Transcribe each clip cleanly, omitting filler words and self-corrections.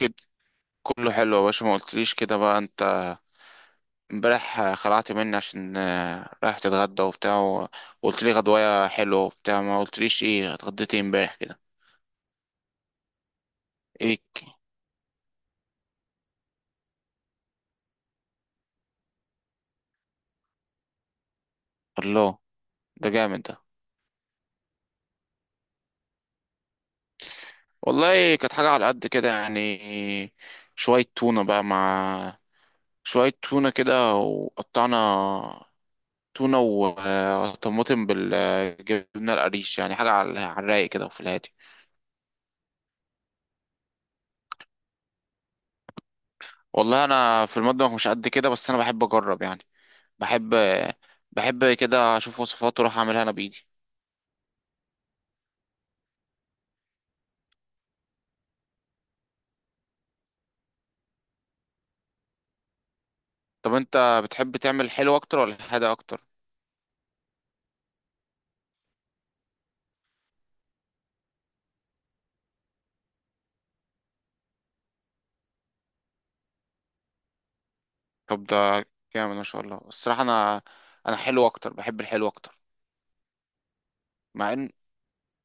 كده كله حلو يا باشا، ما قلتليش كده بقى انت. امبارح خلعت مني عشان رايح تتغدى وبتاع وقلت لي غدوايه حلوه وبتاع، ما قلتليش ايه اتغديت ايه امبارح كده؟ ايه. الله. ده جامد ده. والله كانت حاجه على قد كده يعني، شويه تونه بقى مع شويه تونه كده وقطعنا، تونه وطماطم بالجبنه القريش، يعني حاجه على الرايق كده وفي الهادي. والله انا في المطبخ مش قد كده، بس انا بحب اجرب يعني. بحب بحب كده اشوف وصفات واروح اعملها انا بايدي. طب انت بتحب تعمل حلو اكتر ولا حادق اكتر؟ طب ده جامد ما شاء الله الصراحه. انا حلو اكتر، بحب الحلو اكتر. مع ان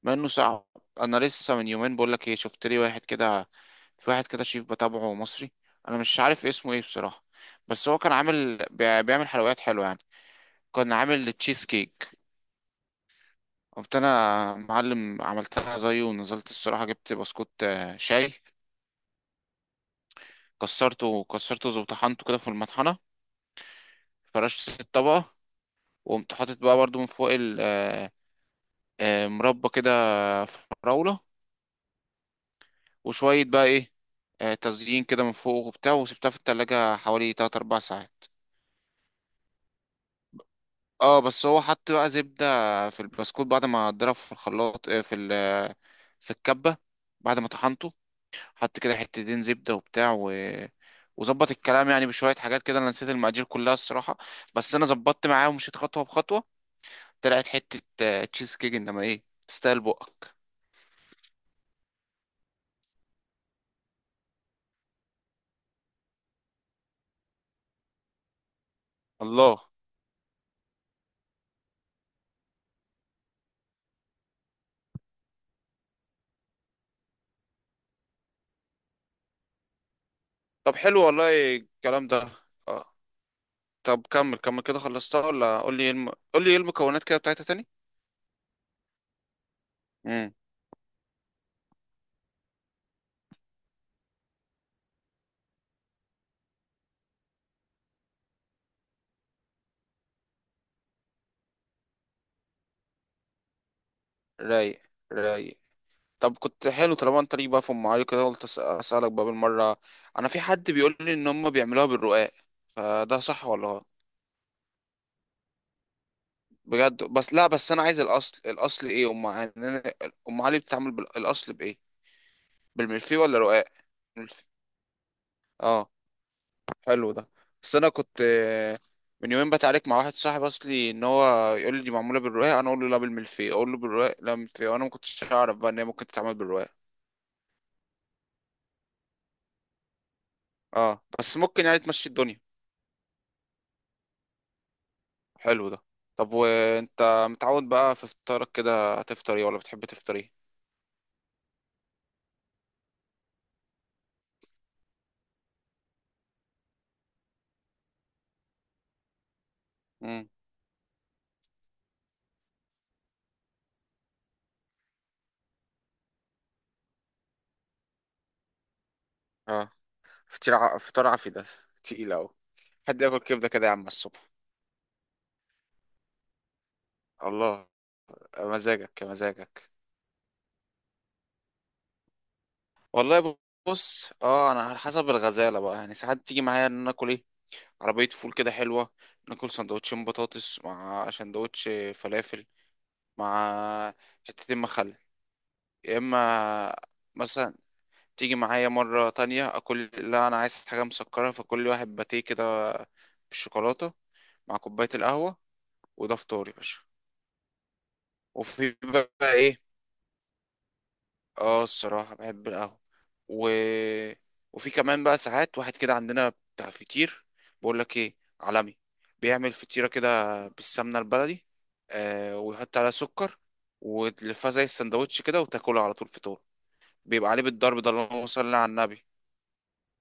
مع انه صعب. انا لسه من يومين بقول لك ايه، شفت لي واحد كده، في واحد كده شيف بتابعه مصري، انا مش عارف اسمه ايه بصراحه. بس هو كان بيعمل حلويات حلوه يعني. كان عامل تشيز كيك. قمت انا معلم عملتها زيه ونزلت الصراحه، جبت بسكوت شاي. كسرته وطحنته كده في المطحنة. فرشت الطبقة. وقمت حاطط بقى برضو من فوق مربى كده، فراولة، وشوية بقى ايه، تزيين كده من فوق وبتاع، وسبتها في التلاجة حوالي 3 4 ساعات. اه، بس هو حط بقى زبدة في البسكوت بعد ما ضرب في الخلاط، آه، في ال آه، في الكبة. بعد ما طحنته حط كده حتتين زبدة وبتاع وظبط الكلام يعني بشوية حاجات كده، انا نسيت المقادير كلها الصراحة، بس انا ظبطت معاه ومشيت خطوة بخطوة. طلعت حتة تشيز كيك انما ايه، تستاهل بقك. الله. طب حلو والله الكلام ده. آه. طب كمل كمل كده، خلصتها ولا قول لي إيه قول لي ايه المكونات كده بتاعتها تاني؟ امم رايق رايق. طب كنت حلو طالما انت ليك بقى في ام علي كده، قلت اسالك بقى بالمره. انا في حد بيقول لي ان هم بيعملوها بالرقاق، فده صح ولا غلط؟ بجد؟ بس لا، بس انا عايز الاصل، الاصل ايه ام علي؟ ام علي بتتعمل بالاصل بايه؟ بالملفيه ولا رقاق؟ ملف... اه. حلو ده. بس انا كنت من يومين بتعارك مع واحد صاحبي اصلي، ان هو يقول لي دي معموله بالرقاق، انا اقول له لا بالملفيه، اقول له بالرقاق لا بالملفيه، وانا ما كنتش اعرف بقى ان هي ممكن تتعمل بالرقاق. اه بس ممكن يعني تمشي الدنيا. حلو ده. طب وانت متعود بقى في فطارك كده، هتفطر ايه ولا بتحب تفطر ايه؟ امم اه. فطار عافي ده، تقيل اوي. حد ياكل كبده كده يا عم على الصبح! الله. مزاجك مزاجك. والله. بص اه انا على حسب الغزاله بقى يعني، ساعات تيجي معايا ان انا اكل ايه، عربية فول كده حلوة، ناكل سندوتشين بطاطس مع سندوتش فلافل مع حتتين مخلل، يا إما مثلا تيجي معايا مرة تانية أكل، لا أنا عايز حاجة مسكرة، فكل واحد باتيه كده بالشوكولاتة مع كوباية القهوة. وده فطاري يا باشا. وفي بقى، إيه، اه الصراحة بحب القهوة. و... وفي كمان بقى ساعات واحد كده عندنا بتاع فطير، بقول لك ايه عالمي، بيعمل فطيرة كده بالسمنة البلدي، آه، ويحط عليها سكر، وتلفها زي السندوتش كده وتاكلها على طول فطور. بيبقى عليه بالضرب ده، اللهم صل على النبي.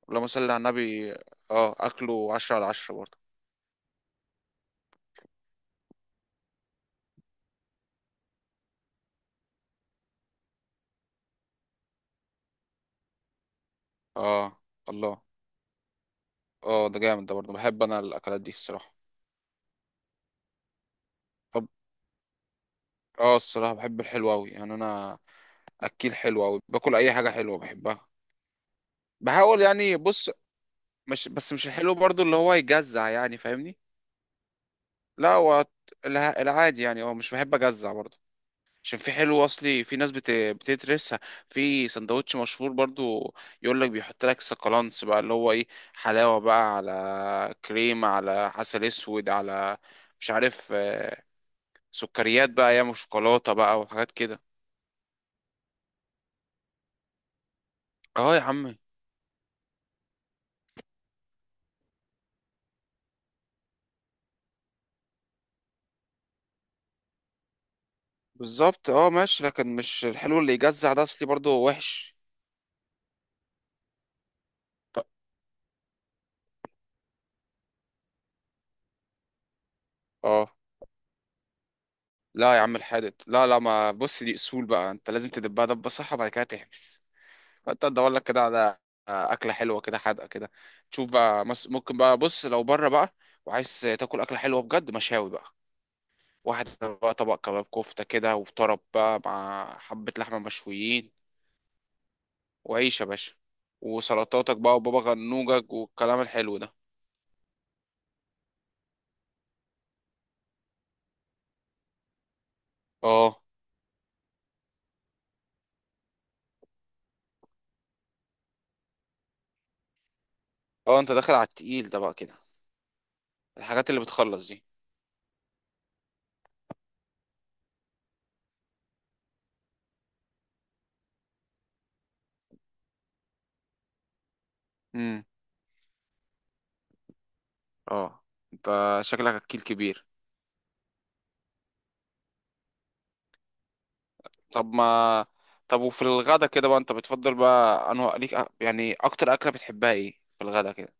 اللهم صل على النبي. اه اكله عشرة على عشرة برضه. اه. الله. اه ده جامد ده برضه، بحب انا الاكلات دي الصراحة. طب. اه الصراحة بحب الحلو أوي يعني أنا، أكيل حلو أوي، باكل أي حاجة حلوة بحبها. بحاول يعني بص، مش الحلو برضو اللي هو يجزع يعني، فاهمني؟ لا هو العادي يعني، هو مش بحب أجزع برضو. عشان في حلو أصلي، في ناس بتدرسها. في سندوتش مشهور برضو، يقول لك بيحط لك سكالانس بقى اللي هو إيه، حلاوة بقى على كريم على عسل أسود على مش عارف سكريات بقى، ياما شوكولاتة بقى وحاجات كده. اه يا عم. بالظبط اه، ماشي، لكن مش الحلو اللي يجزع ده اصلي برضه وحش. ط- اه. لا يا عم الحادق، لا لا، ما بص دي اصول بقى، انت لازم تدبها دبه صح وبعد كده تحبس. فانت ادور لك كده على اكله حلوه كده، حادقه كده، تشوف بقى ممكن بقى، بص لو بره بقى وعايز تاكل اكله حلوه بجد، مشاوي بقى، واحد بقى طبق كباب كفته كده وطرب بقى مع حبه لحمه مشويين وعيش يا باشا، وسلطاتك بقى وبابا غنوجك والكلام الحلو ده. اه. اه انت داخل على التقيل ده بقى كده، الحاجات اللي بتخلص دي. امم اه. انت شكلك اكيل كبير. طب ما طب وفي الغدا كده بقى انت بتفضل بقى انه ليك يعني اكتر اكله بتحبها ايه في الغدا كده؟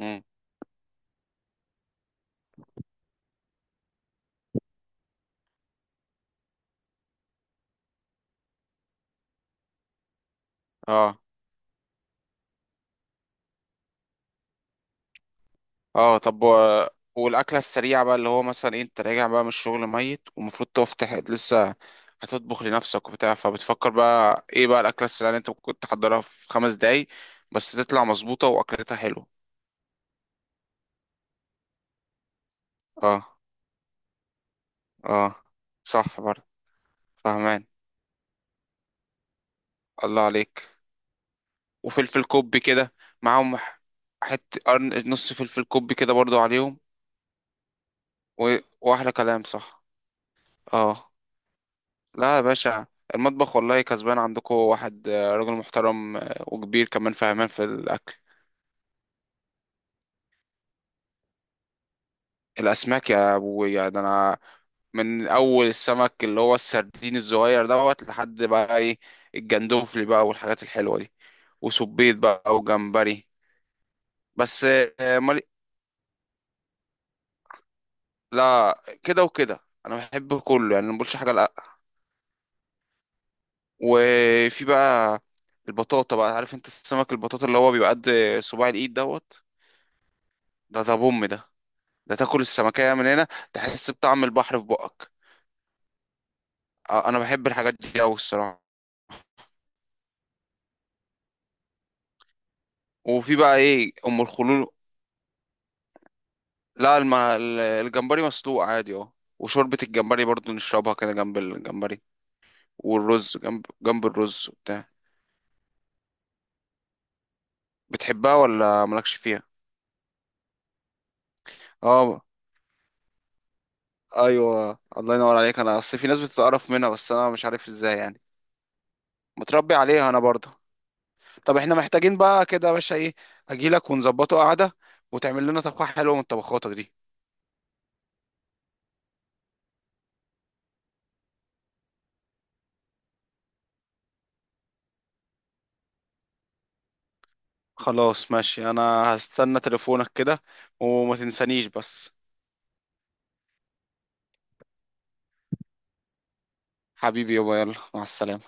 امم اه. اه. والاكله السريعه بقى اللي هو مثلا إيه، انت راجع بقى من الشغل ميت ومفروض تقف لسه هتطبخ لنفسك وبتاع، فبتفكر بقى ايه بقى الاكله السريعه اللي انت ممكن تحضرها في خمس دقايق بس تطلع مظبوطه واكلتها حلوه؟ اه. اه. صح برضه. فهمان. الله عليك. وفلفل كوبي كده معاهم، حتة نص فلفل كوبي كده برضو عليهم. و... واحلى كلام، صح. اه. لا يا باشا، المطبخ والله كسبان عندكم واحد راجل محترم وكبير كمان فهمان في الاكل. الاسماك يا ابويا ده انا من اول السمك اللي هو السردين الصغير دوت لحد بقى ايه، الجندوفلي بقى والحاجات الحلوه دي. وسبيط بقى وجمبري. بس مالي، لا كده وكده، انا بحب كله يعني ما بقولش حاجه. وفي بقى البطاطا بقى، عارف انت السمك البطاطا اللي هو بيبقى قد صباع الايد دوت، ده بوم ده، ده تاكل السمكية من هنا تحس بطعم البحر في بقك. انا بحب الحاجات دي قوي الصراحة. وفي بقى ايه ام الخلول. لا الجمبري مسلوق عادي، اه. وشوربة الجمبري برضو نشربها كده جنب الجمبري، والرز جنب الرز وبتاع. بتحبها ولا مالكش فيها؟ اه ايوه، الله ينور عليك، انا اصل في ناس بتتقرف منها بس انا مش عارف ازاي يعني. متربي عليها انا برضه. طب احنا محتاجين بقى كده يا باشا ايه، اجيلك ونظبطه قعدة وتعمل لنا طبخة حلوة من طبخاتك دي. خلاص ماشي انا هستنى تليفونك كده، وما تنسانيش بس. حبيبي يابا، يلا مع السلامة.